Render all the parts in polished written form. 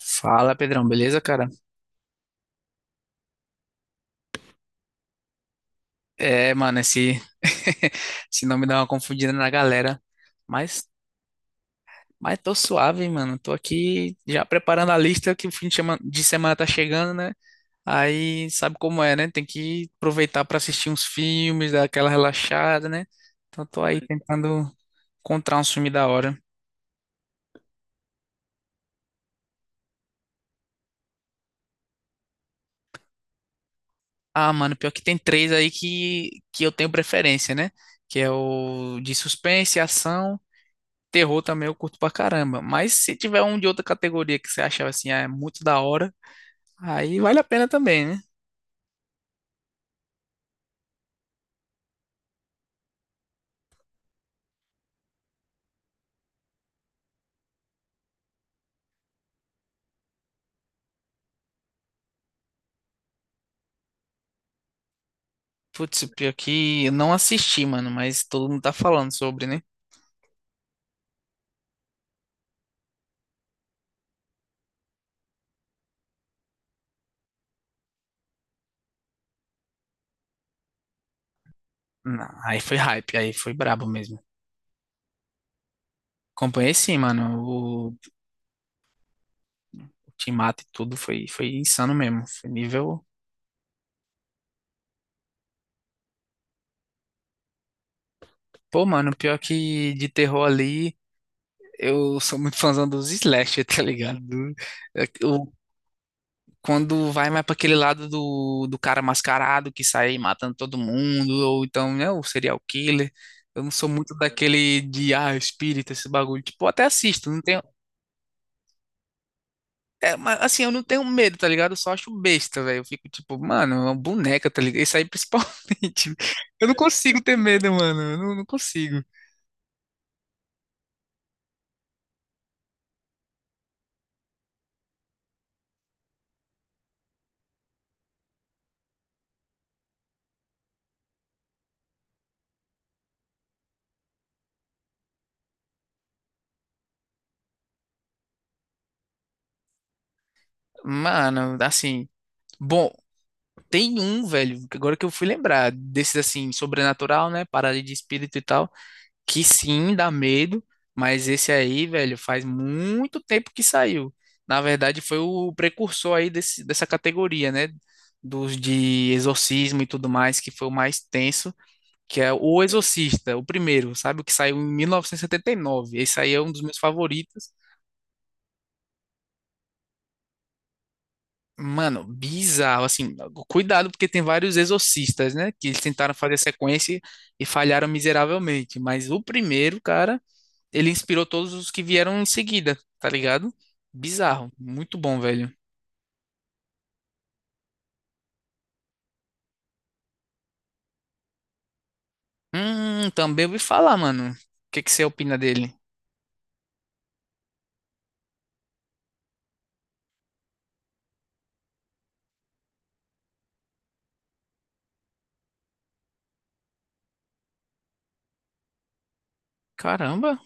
Fala, Pedrão, beleza, cara? É, mano, esse, esse nome dá uma confundida na galera. Mas, mas tô suave, hein, mano. Tô aqui já preparando a lista que o fim de semana tá chegando, né? Aí sabe como é, né? Tem que aproveitar pra assistir uns filmes, dar aquela relaxada, né? Então tô aí tentando encontrar um filme da hora. Ah, mano, pior que tem três aí que eu tenho preferência, né? Que é o de suspense, ação. Terror também eu curto pra caramba. Mas se tiver um de outra categoria que você achar assim, ah, é muito da hora, aí vale a pena também, né? Putz, pior que eu não assisti, mano, mas todo mundo tá falando sobre, né? Não, aí foi hype, aí foi brabo mesmo. Acompanhei sim, mano. O Ultimato e tudo foi insano mesmo. Foi nível. Pô, mano, pior que de terror ali, eu sou muito fãzão dos slasher, tá ligado? É, Quando vai mais para aquele lado do, do cara mascarado que sai matando todo mundo, ou então, né, o serial killer. Eu não sou muito daquele de, ah, espírita, esse bagulho. Tipo, eu até assisto, não tenho. É, mas assim, eu não tenho medo, tá ligado? Eu só acho besta, velho. Eu fico tipo, mano, é uma boneca, tá ligado? Isso aí principalmente. Eu não consigo ter medo, mano. Eu não consigo. Mano, assim. Bom, tem um, velho, que agora que eu fui lembrar, desses assim, sobrenatural, né? Parada de espírito e tal. Que sim, dá medo, mas esse aí, velho, faz muito tempo que saiu. Na verdade, foi o precursor aí dessa categoria, né? Dos de exorcismo e tudo mais, que foi o mais tenso, que é O Exorcista, o primeiro, sabe? O que saiu em mil novecentos e setenta e nove? Esse aí é um dos meus favoritos. Mano, bizarro, assim, cuidado porque tem vários exorcistas, né, que eles tentaram fazer sequência e falharam miseravelmente, mas o primeiro, cara, ele inspirou todos os que vieram em seguida, tá ligado? Bizarro, muito bom, velho. Também ouvi falar, mano. O que que você opina dele? Caramba.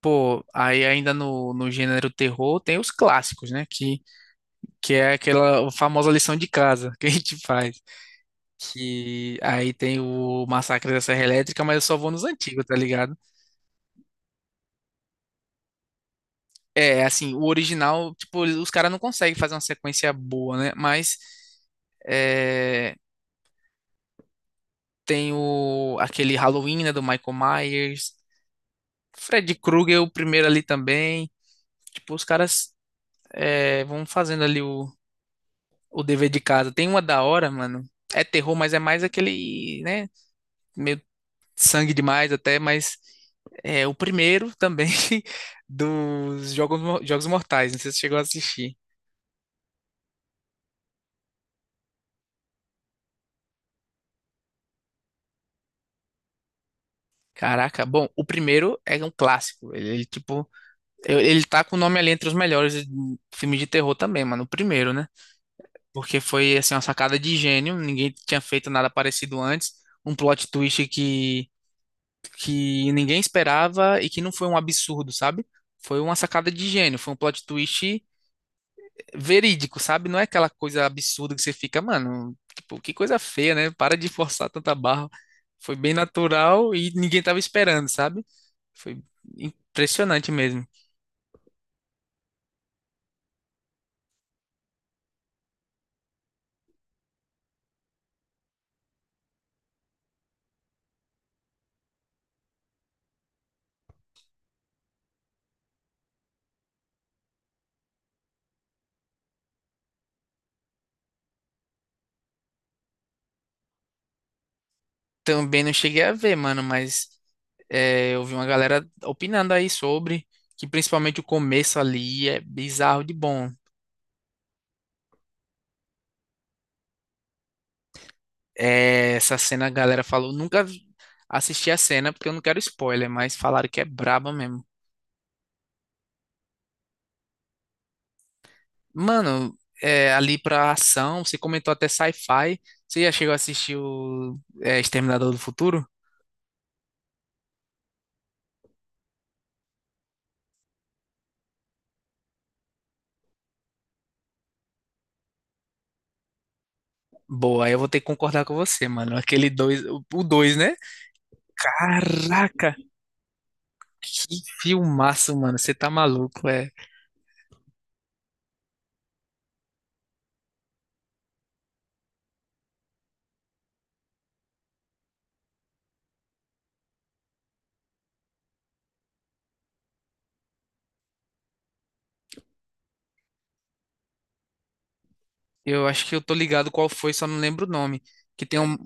Pô, aí ainda no gênero terror tem os clássicos, né? Que é aquela famosa lição de casa que a gente faz. Que aí tem o Massacre da Serra Elétrica, mas eu só vou nos antigos, tá ligado? É, assim, o original, tipo, os caras não conseguem fazer uma sequência boa, né? Mas. eh, Tem aquele Halloween, né, do Michael Myers. Fred Krueger, o primeiro ali também. Tipo, os caras vão fazendo ali o dever de casa. Tem uma da hora, mano. É terror, mas é mais aquele, né? Meio sangue demais até, mas é o primeiro também dos Jogos Mortais. Não sei se você chegou a assistir. Caraca, bom, o primeiro é um clássico. Ele, tipo, ele tá com o nome ali entre os melhores filmes de terror também, mano. O primeiro, né? Porque foi assim uma sacada de gênio, ninguém tinha feito nada parecido antes, um plot twist que ninguém esperava e que não foi um absurdo, sabe? Foi uma sacada de gênio, foi um plot twist verídico, sabe? Não é aquela coisa absurda que você fica, mano, tipo, que coisa feia, né? Para de forçar tanta barra. Foi bem natural e ninguém tava esperando, sabe? Foi impressionante mesmo. Também não cheguei a ver, mano, mas é, eu vi uma galera opinando aí sobre que principalmente o começo ali é bizarro de bom. É, essa cena a galera falou, nunca vi- assisti a cena porque eu não quero spoiler, mas falaram que é braba mesmo. Mano, é, ali pra ação, você comentou até sci-fi. Você já chegou a assistir o Exterminador do Futuro? Boa, aí eu vou ter que concordar com você, mano. Aquele dois, o dois, né? Caraca, que filmaço, mano. Você tá maluco, é. Eu acho que eu tô ligado qual foi, só não lembro o nome. Que tem um.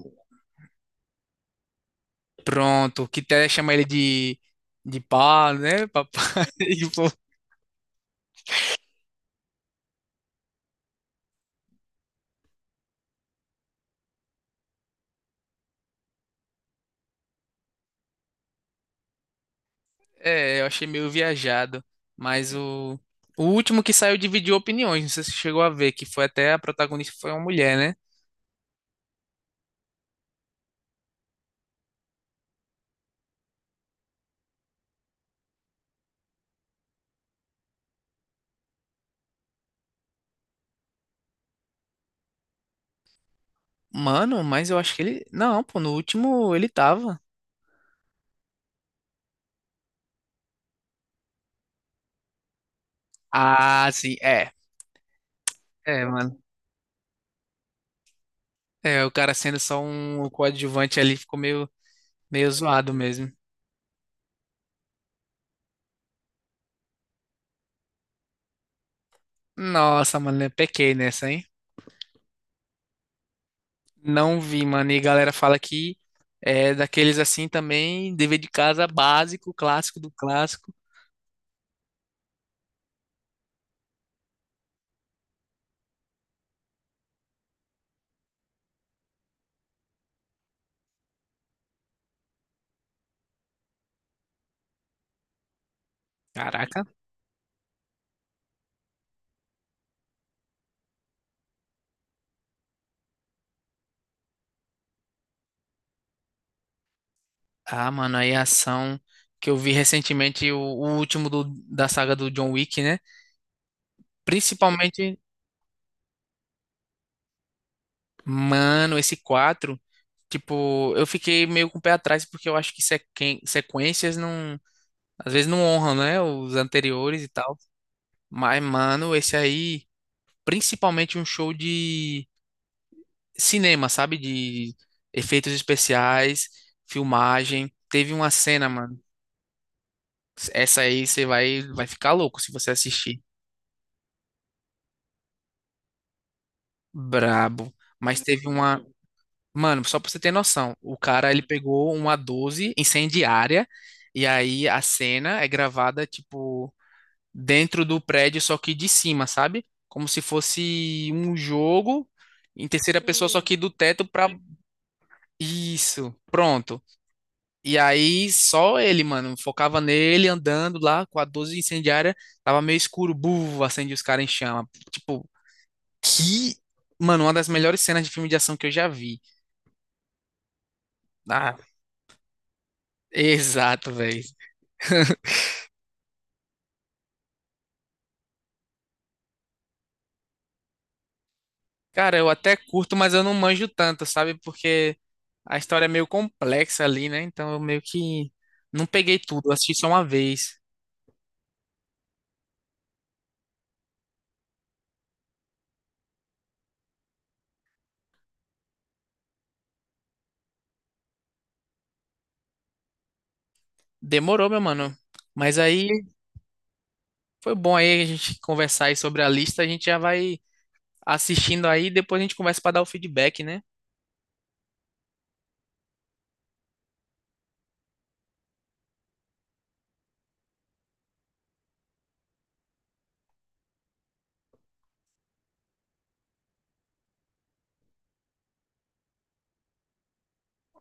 Pronto, que até chama ele de. De pá, né, papai? E, pô, é, eu achei meio viajado. Mas o. O último que saiu dividiu opiniões, não sei se você chegou a ver, que foi até a protagonista foi uma mulher, né? Mano, mas eu acho que ele. Não, pô, no último ele tava. Ah, sim, é. É, mano. É, o cara sendo só um coadjuvante ali ficou meio, meio zoado mesmo. Nossa, mano, eu pequei nessa, hein? Não vi, mano. E a galera fala que é daqueles assim também, dever de casa básico, clássico do clássico. Caraca. Ah, mano, aí a ação que eu vi recentemente, o último da saga do John Wick, né? Principalmente, mano, esse 4 tipo, eu fiquei meio com o pé atrás porque eu acho que sequências não, às vezes não honram, né? Os anteriores e tal. Mas, mano, esse aí, principalmente um show de cinema, sabe? De efeitos especiais, filmagem. Teve uma cena, mano. Essa aí você vai ficar louco se você assistir. Brabo. Mas teve uma. Mano, só pra você ter noção, o cara ele pegou uma 12 incendiária e aí a cena é gravada, tipo, dentro do prédio, só que de cima, sabe? Como se fosse um jogo em terceira pessoa, só que do teto pra. Isso, pronto. E aí só ele, mano, focava nele andando lá com a 12 incendiária, tava meio escuro, buf, acende os caras em chama. Tipo, que, mano, uma das melhores cenas de filme de ação que eu já vi. Ah, exato, velho. Cara, eu até curto, mas eu não manjo tanto, sabe? Porque a história é meio complexa ali, né? Então eu meio que não peguei tudo, eu assisti só uma vez. Demorou, meu mano. Mas aí foi bom aí a gente conversar aí sobre a lista, a gente já vai assistindo aí, depois a gente conversa pra dar o feedback, né?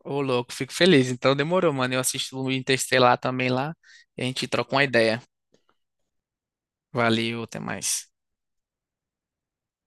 Ô, louco, fico feliz. Então demorou, mano. Eu assisto o Interestelar também lá e a gente troca uma ideia. Valeu, até mais.